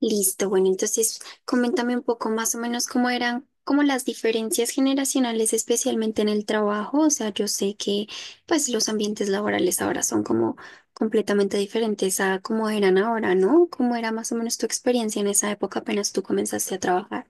Listo, bueno, entonces coméntame un poco más o menos cómo eran como las diferencias generacionales, especialmente en el trabajo. O sea, yo sé que pues los ambientes laborales ahora son como completamente diferentes a cómo eran ahora, ¿no? ¿Cómo era más o menos tu experiencia en esa época apenas tú comenzaste a trabajar?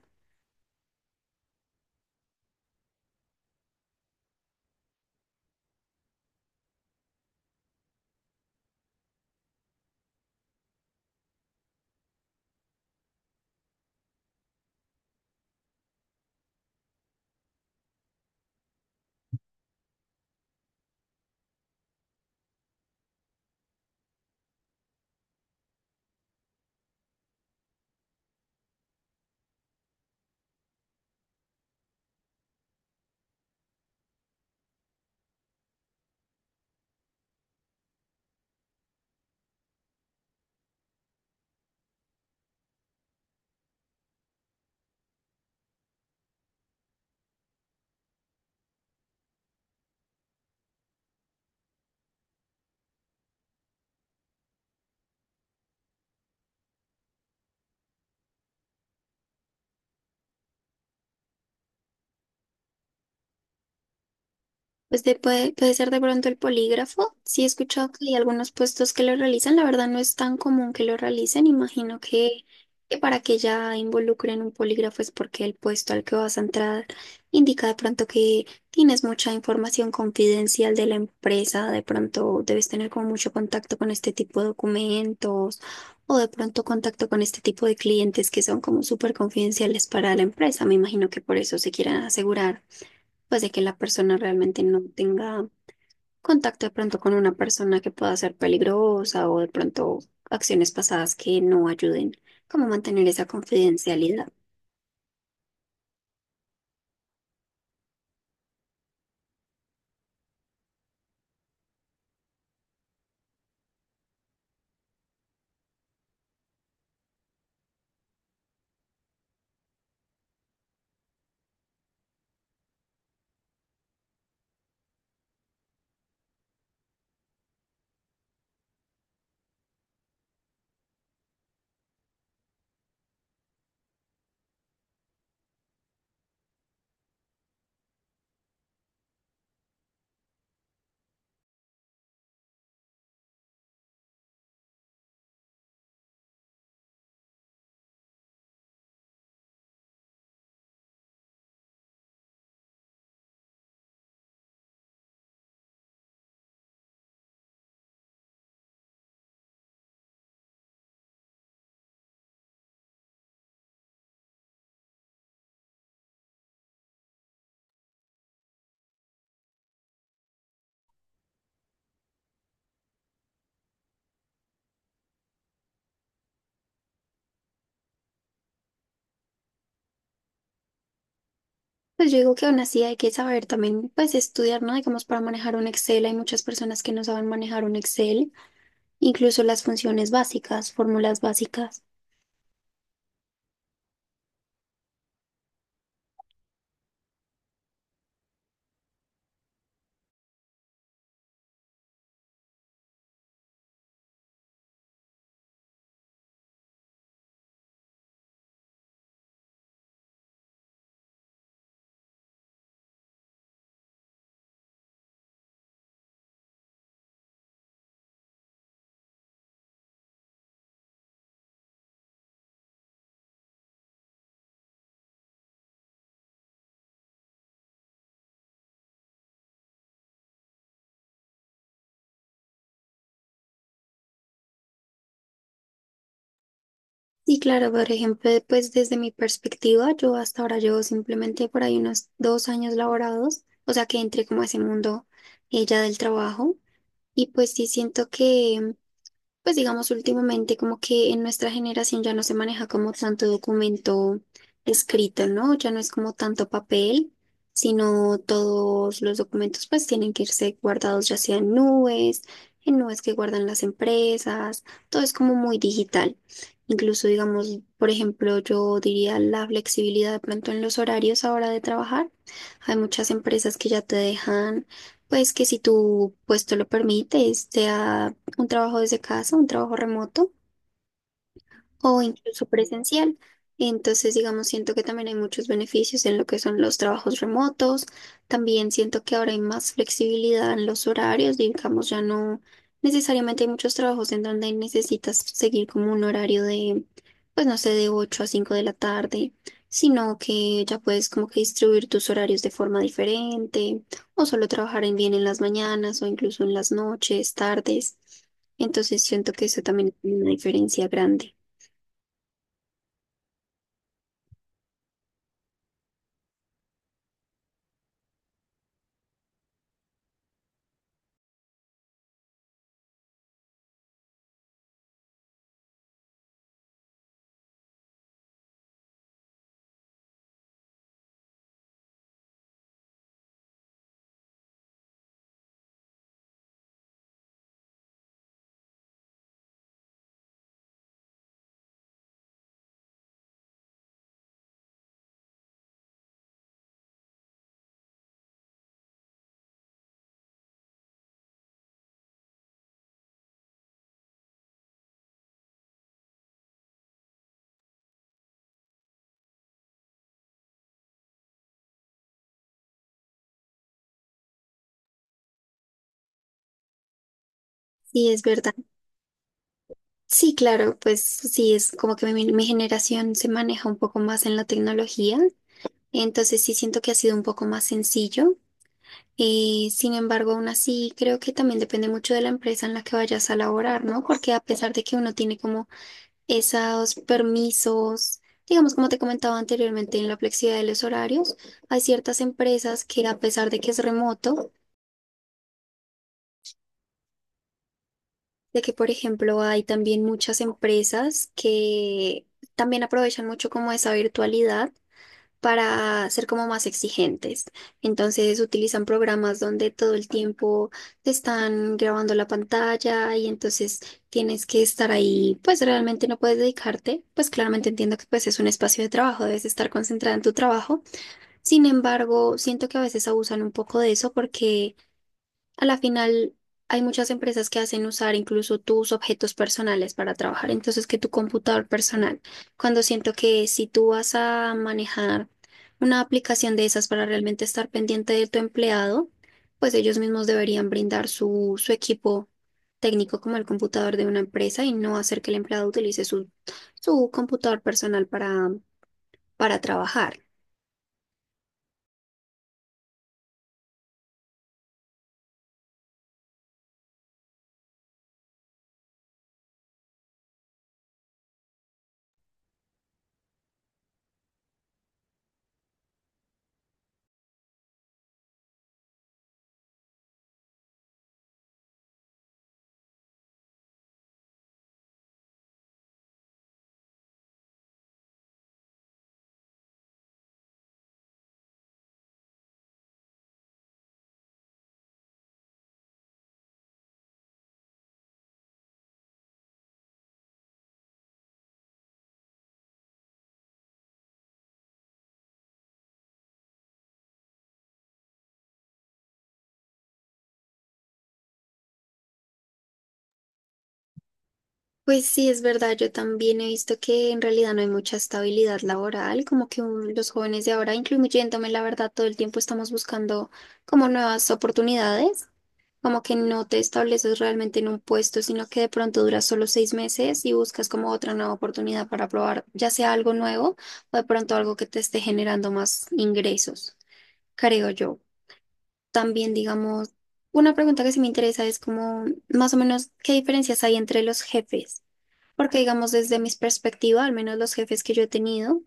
Puede ser de pronto el polígrafo. Sí he escuchado que hay algunos puestos que lo realizan. La verdad no es tan común que lo realicen. Imagino que para que ya involucren un polígrafo es porque el puesto al que vas a entrar indica de pronto que tienes mucha información confidencial de la empresa. De pronto debes tener como mucho contacto con este tipo de documentos o de pronto contacto con este tipo de clientes que son como súper confidenciales para la empresa. Me imagino que por eso se quieren asegurar pues de que la persona realmente no tenga contacto de pronto con una persona que pueda ser peligrosa o de pronto acciones pasadas que no ayuden, como mantener esa confidencialidad. Pues yo digo que aún así hay que saber también, pues estudiar, ¿no? Digamos, para manejar un Excel hay muchas personas que no saben manejar un Excel, incluso las funciones básicas, fórmulas básicas. Y claro, por ejemplo, pues desde mi perspectiva, yo hasta ahora llevo simplemente por ahí unos 2 años laborados, o sea que entré como a ese mundo ella del trabajo y pues sí siento que pues digamos, últimamente como que en nuestra generación ya no se maneja como tanto documento escrito, ¿no? Ya no es como tanto papel, sino todos los documentos pues tienen que irse guardados ya sea en nubes que guardan las empresas, todo es como muy digital. Incluso digamos, por ejemplo, yo diría la flexibilidad de pronto en los horarios ahora de trabajar. Hay muchas empresas que ya te dejan, pues que si tu puesto lo permite, sea un trabajo desde casa, un trabajo remoto o incluso presencial. Entonces, digamos, siento que también hay muchos beneficios en lo que son los trabajos remotos. También siento que ahora hay más flexibilidad en los horarios. Digamos, ya no necesariamente hay muchos trabajos en donde necesitas seguir como un horario de, pues no sé, de 8 a 5 de la tarde, sino que ya puedes como que distribuir tus horarios de forma diferente o solo trabajar en bien en las mañanas o incluso en las noches, tardes. Entonces, siento que eso también es una diferencia grande. Sí, es verdad. Sí, claro, pues sí, es como que mi generación se maneja un poco más en la tecnología, entonces sí siento que ha sido un poco más sencillo. Sin embargo, aún así, creo que también depende mucho de la empresa en la que vayas a laborar, ¿no? Porque a pesar de que uno tiene como esos permisos, digamos, como te comentaba anteriormente, en la flexibilidad de los horarios, hay ciertas empresas que a pesar de que es remoto, de que, por ejemplo, hay también muchas empresas que también aprovechan mucho como esa virtualidad para ser como más exigentes. Entonces utilizan programas donde todo el tiempo te están grabando la pantalla y entonces tienes que estar ahí, pues realmente no puedes dedicarte, pues claramente entiendo que pues es un espacio de trabajo, debes estar concentrada en tu trabajo. Sin embargo, siento que a veces abusan un poco de eso porque a la final, hay muchas empresas que hacen usar incluso tus objetos personales para trabajar, entonces que tu computador personal, cuando siento que si tú vas a manejar una aplicación de esas para realmente estar pendiente de tu empleado, pues ellos mismos deberían brindar su equipo técnico como el computador de una empresa y no hacer que el empleado utilice su computador personal para trabajar. Pues sí, es verdad, yo también he visto que en realidad no hay mucha estabilidad laboral, como que los jóvenes de ahora, incluyéndome, la verdad, todo el tiempo estamos buscando como nuevas oportunidades, como que no te estableces realmente en un puesto, sino que de pronto duras solo 6 meses y buscas como otra nueva oportunidad para probar, ya sea algo nuevo o de pronto algo que te esté generando más ingresos, creo yo. También, digamos, una pregunta que sí me interesa es como más o menos qué diferencias hay entre los jefes. Porque digamos, desde mis perspectivas, al menos los jefes que yo he tenido,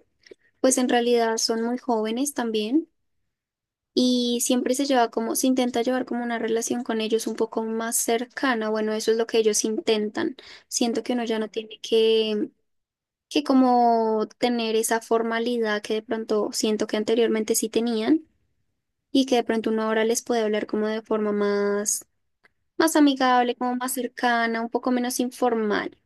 pues en realidad son muy jóvenes también y siempre se lleva como, se intenta llevar como una relación con ellos un poco más cercana. Bueno, eso es lo que ellos intentan. Siento que uno ya no tiene que como tener esa formalidad que de pronto siento que anteriormente sí tenían y que de pronto uno ahora les puede hablar como de forma más, más amigable, como más cercana, un poco menos informal.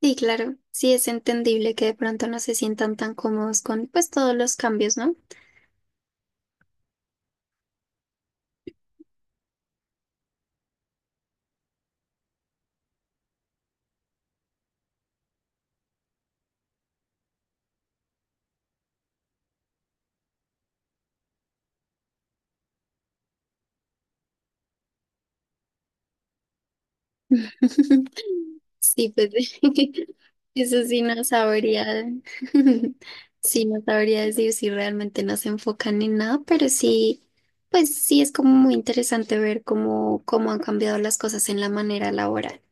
Sí, claro, sí es entendible que de pronto no se sientan tan cómodos con pues todos los cambios, ¿no? Sí, pues eso sí no sabría, sí no sabría decir si realmente no se enfocan en nada, pero sí, pues sí es como muy interesante ver cómo, cómo han cambiado las cosas en la manera laboral.